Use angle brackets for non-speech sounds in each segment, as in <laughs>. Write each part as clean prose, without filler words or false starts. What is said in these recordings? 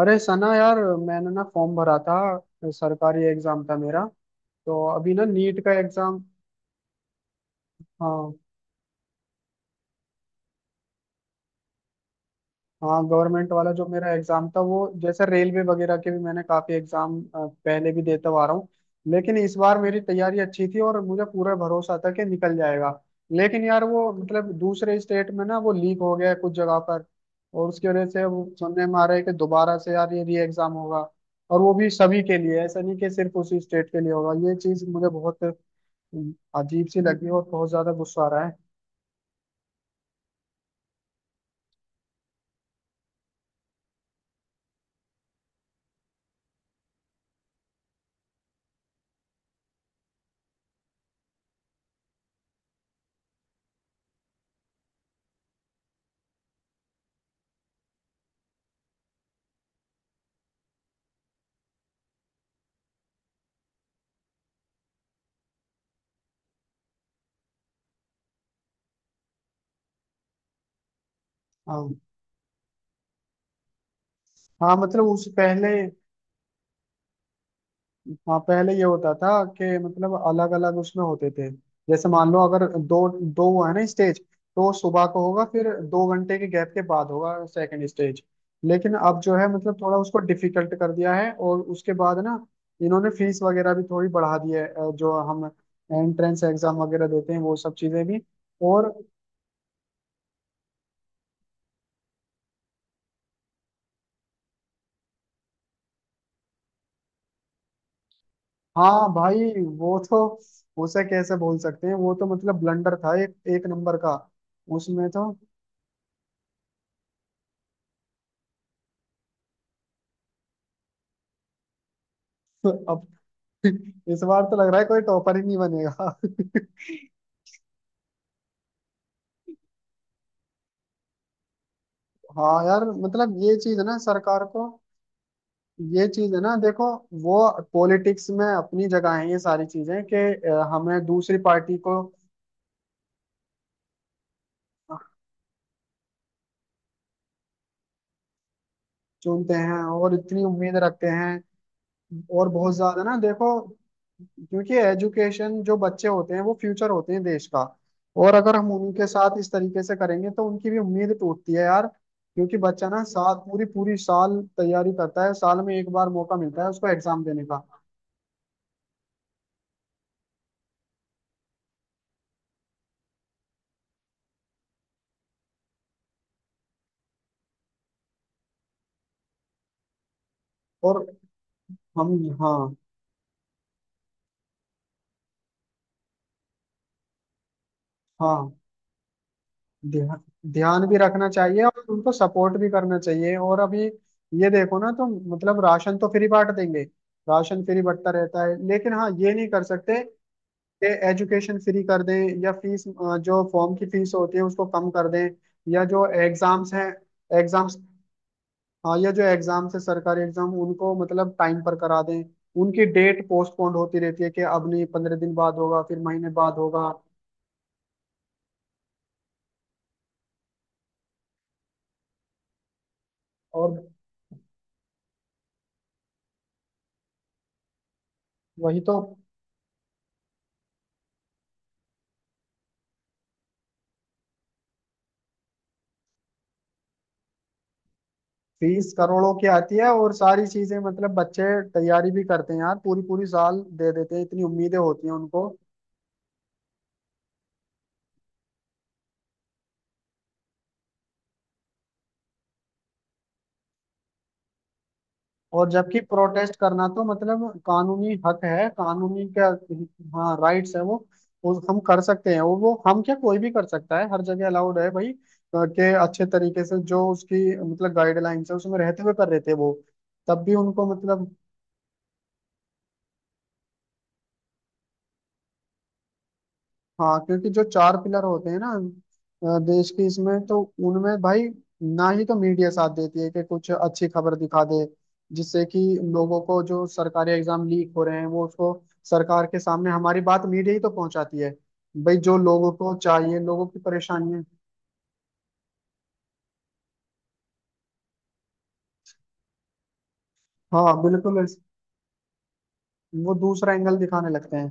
अरे सना यार। मैंने ना फॉर्म भरा था, सरकारी एग्जाम था मेरा। तो अभी ना नीट का एग्जाम। हाँ। हाँ, गवर्नमेंट वाला जो मेरा एग्जाम था वो, जैसे रेलवे वगैरह के भी मैंने काफी एग्जाम पहले भी देता हुआ आ रहा हूँ। लेकिन इस बार मेरी तैयारी अच्छी थी और मुझे पूरा भरोसा था कि निकल जाएगा। लेकिन यार वो मतलब दूसरे स्टेट में ना वो लीक हो गया है कुछ जगह पर। और उसकी वजह से वो सुनने में आ रहा है कि दोबारा से यार ये री एग्जाम होगा। और वो भी सभी के लिए, ऐसा नहीं कि सिर्फ उसी स्टेट के लिए होगा। ये चीज मुझे बहुत अजीब सी लगी और बहुत ज्यादा गुस्सा आ रहा है। हाँ। हाँ मतलब उस पहले। हाँ पहले ये होता था कि मतलब अलग अलग उसमें होते थे। जैसे मान लो अगर दो दो हुआ है ना स्टेज, तो सुबह को होगा फिर 2 घंटे के गैप के बाद होगा सेकंड स्टेज। लेकिन अब जो है मतलब थोड़ा उसको डिफिकल्ट कर दिया है और उसके बाद ना इन्होंने फीस वगैरह भी थोड़ी बढ़ा दी है जो हम एंट्रेंस एग्जाम वगैरह देते हैं, वो सब चीजें भी। और हाँ भाई। वो तो, उसे कैसे बोल सकते हैं, वो तो मतलब ब्लंडर था एक एक नंबर का। उसमें तो अब इस बार तो लग रहा है कोई टॉपर ही नहीं बनेगा। हाँ यार मतलब ये चीज है ना सरकार को। ये चीज है ना देखो, वो पॉलिटिक्स में अपनी जगह है, ये सारी चीजें कि हमें दूसरी पार्टी को चुनते हैं और इतनी उम्मीद रखते हैं। और बहुत ज्यादा ना देखो, क्योंकि एजुकेशन जो बच्चे होते हैं वो फ्यूचर होते हैं देश का। और अगर हम उनके साथ इस तरीके से करेंगे तो उनकी भी उम्मीद टूटती है यार, क्योंकि बच्चा ना साल पूरी पूरी साल तैयारी करता है, साल में एक बार मौका मिलता है उसको एग्जाम देने का। और हम हाँ। हाँ ध्यान। ध्यान भी रखना चाहिए और उनको सपोर्ट भी करना चाहिए। और अभी ये देखो ना, तो मतलब राशन तो फ्री बांट देंगे, राशन फ्री बंटता रहता है लेकिन हाँ ये नहीं कर सकते। ये एजुकेशन फ्री कर दें, या फीस जो फॉर्म की फीस होती है उसको कम कर दें। या जो एग्जाम्स हैं, एग्जाम्स हाँ, या जो एग्जाम्स है सरकारी एग्जाम उनको मतलब टाइम पर करा दें। उनकी डेट पोस्टपोन्ड होती रहती है कि अब नहीं 15 दिन बाद होगा, फिर महीने बाद होगा। और वही तो फीस करोड़ों की आती है और सारी चीजें, मतलब बच्चे तैयारी भी करते हैं यार, पूरी पूरी साल दे देते हैं, इतनी उम्मीदें होती हैं उनको। और जबकि प्रोटेस्ट करना तो मतलब कानूनी हक है, कानूनी क्या, हाँ राइट्स है वो। वो हम कर सकते हैं, वो हम क्या कोई भी कर सकता है, हर जगह अलाउड है भाई। के अच्छे तरीके से जो उसकी मतलब गाइडलाइंस है उसमें रहते हुए कर रहे थे वो। तब भी उनको मतलब, हाँ क्योंकि जो चार पिलर होते हैं ना देश की, इसमें तो उनमें भाई ना ही तो मीडिया साथ देती है कि कुछ अच्छी खबर दिखा दे, जिससे कि लोगों को जो सरकारी एग्जाम लीक हो रहे हैं वो उसको, सरकार के सामने हमारी बात मीडिया ही तो पहुंचाती है भाई, जो लोगों को चाहिए, लोगों की परेशानियां। हाँ बिल्कुल, वो दूसरा एंगल दिखाने लगते हैं।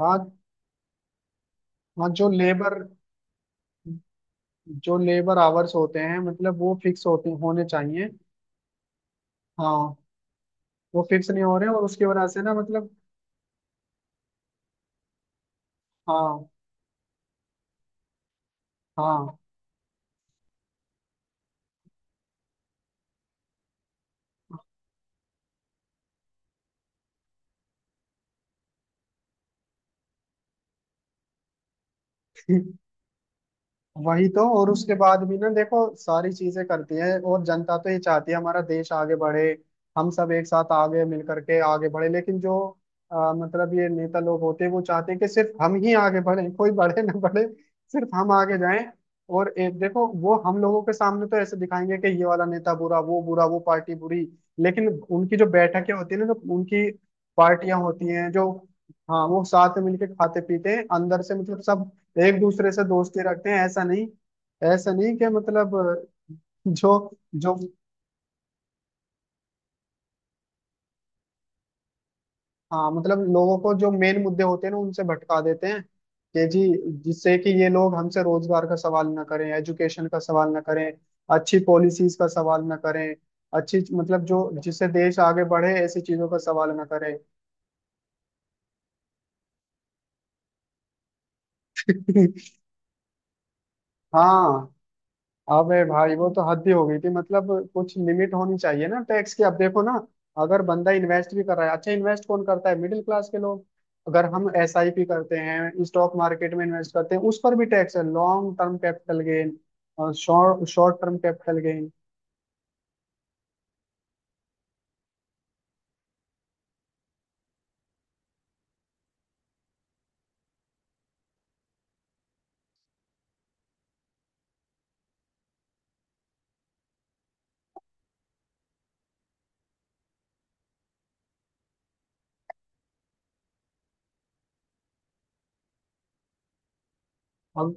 हाँ। हाँ, जो लेबर आवर्स होते हैं मतलब वो फिक्स होते, होने चाहिए। हाँ वो फिक्स नहीं हो रहे हैं और उसकी वजह से ना मतलब हाँ। हाँ। <laughs> वही तो, और उसके बाद भी ना देखो सारी चीजें करती है। और जनता तो ये चाहती है हमारा देश आगे बढ़े, हम सब एक साथ आगे मिल करके आगे बढ़े। लेकिन जो मतलब ये नेता लोग होते हैं वो चाहते हैं कि सिर्फ हम ही आगे बढ़े, कोई बढ़े ना बढ़े, सिर्फ हम आगे जाएं। और एक देखो, वो हम लोगों के सामने तो ऐसे दिखाएंगे कि ये वाला नेता बुरा, वो बुरा, वो पार्टी बुरी। लेकिन उनकी जो बैठकें होती है ना, जो उनकी पार्टियां होती हैं, जो, हाँ वो साथ में मिलके खाते पीते हैं अंदर से, मतलब सब एक दूसरे से दोस्ती रखते हैं। ऐसा नहीं कि मतलब, जो जो हाँ, मतलब लोगों को जो मेन मुद्दे होते हैं ना उनसे भटका देते हैं, कि जी जिससे कि ये लोग हमसे रोजगार का सवाल ना करें, एजुकेशन का सवाल ना करें, अच्छी पॉलिसीज का सवाल ना करें, अच्छी मतलब जो जिससे देश आगे बढ़े ऐसी चीजों का सवाल ना करें। <laughs> हाँ। अबे भाई वो तो हद ही हो गई थी, मतलब कुछ लिमिट होनी चाहिए ना टैक्स की। अब देखो ना, अगर बंदा इन्वेस्ट भी कर रहा है, अच्छा इन्वेस्ट कौन करता है? मिडिल क्लास के लोग। अगर हम एसआईपी करते हैं, स्टॉक मार्केट में इन्वेस्ट करते हैं, उस पर भी टैक्स है, लॉन्ग टर्म कैपिटल गेन और short short term capital gain. हम,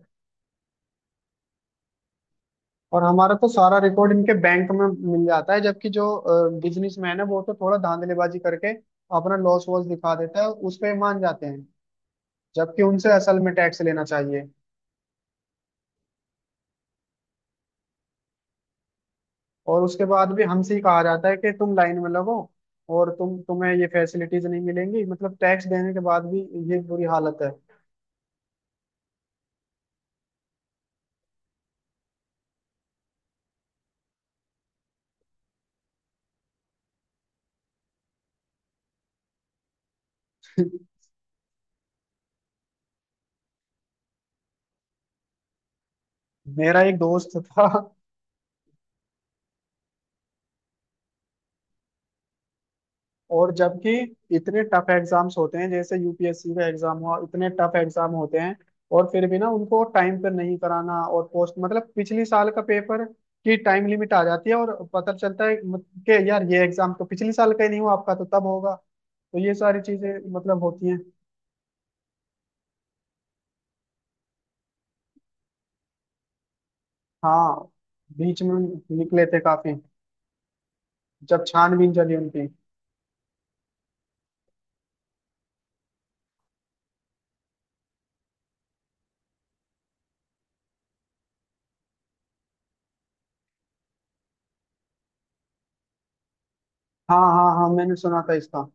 और हमारा तो सारा रिकॉर्ड इनके बैंक में मिल जाता है, जबकि जो बिजनेसमैन है वो तो थोड़ा धांधलीबाजी करके अपना लॉस वॉस दिखा देता है, उस पे मान जाते हैं। जबकि उनसे असल में टैक्स लेना चाहिए। और उसके बाद भी हमसे ही कहा जाता है कि तुम लाइन में लगो, और तुम्हें ये फैसिलिटीज नहीं मिलेंगी, मतलब टैक्स देने के बाद भी। ये बुरी हालत है। <laughs> मेरा एक दोस्त था। और जबकि इतने टफ एग्जाम्स होते हैं, जैसे यूपीएससी का एग्जाम हुआ, इतने टफ एग्जाम होते हैं और फिर भी ना उनको टाइम पर नहीं कराना, और पोस्ट मतलब पिछले साल का पेपर की टाइम लिमिट आ जाती है और पता चलता है कि यार ये एग्जाम तो पिछले साल का ही नहीं हुआ, आपका तो तब होगा। तो ये सारी चीजें मतलब होती हैं। हाँ, बीच में निकले थे काफी जब छानबीन चली उनकी। हाँ हाँ हाँ, मैंने सुना था इसका।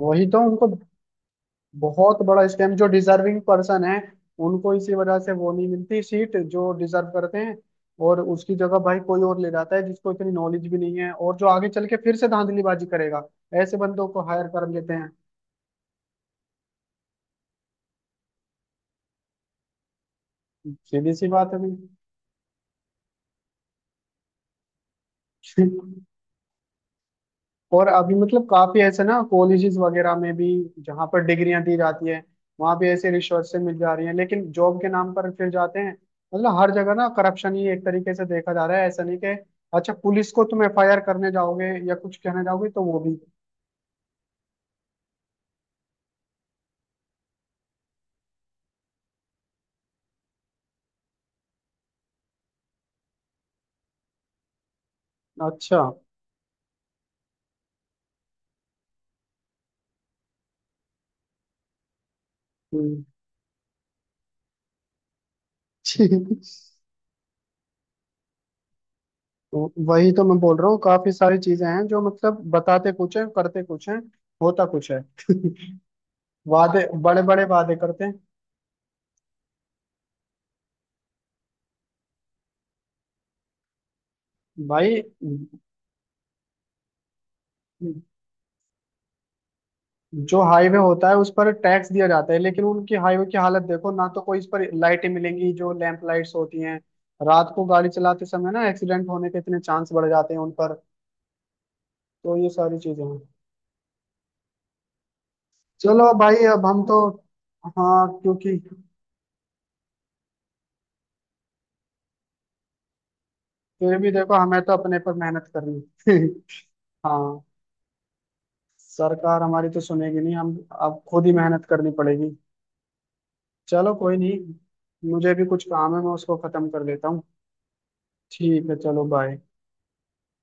वही तो उनको, बहुत बड़ा स्कैम। जो डिजर्विंग पर्सन है उनको इसी वजह से वो नहीं मिलती सीट जो डिजर्व करते हैं, और उसकी जगह भाई कोई और ले जाता है जिसको इतनी नॉलेज भी नहीं है और जो आगे चल के फिर से धांधलीबाजी करेगा, ऐसे बंदों को हायर कर लेते हैं। सीधी सी बात है भाई। <laughs> और अभी मतलब काफी ऐसे ना कॉलेजेस वगैरह में भी, जहाँ पर डिग्रियां दी जाती है, वहां भी ऐसे रिसोर्सेज मिल जा रही हैं, लेकिन जॉब के नाम पर फिर जाते हैं। मतलब हर जगह ना करप्शन ही एक तरीके से देखा जा रहा है, ऐसा नहीं कि, अच्छा पुलिस को तुम एफआईआर करने जाओगे या कुछ कहने जाओगे तो वो भी। अच्छा। हम्म। <laughs> ठीक। तो वही तो मैं बोल रहा हूँ, काफी सारी चीजें हैं जो मतलब, बताते कुछ है, करते कुछ है, होता कुछ है। <laughs> वादे, बड़े बड़े वादे करते हैं भाई। जो हाईवे होता है उस पर टैक्स दिया जाता है, लेकिन उनकी हाईवे की हालत देखो ना, तो कोई इस पर लाइटें मिलेंगी जो लैंप लाइट्स होती हैं? रात को गाड़ी चलाते समय ना एक्सीडेंट होने के इतने चांस बढ़ जाते हैं उन पर। तो ये सारी चीजें हैं। चलो भाई, अब हम तो, हाँ क्योंकि फिर भी देखो हमें तो अपने पर मेहनत करनी। <laughs> हाँ, सरकार हमारी तो सुनेगी नहीं, हम अब खुद ही मेहनत करनी पड़ेगी। चलो, कोई नहीं, मुझे भी कुछ काम है, मैं उसको खत्म कर लेता हूँ। ठीक है, चलो, बाय।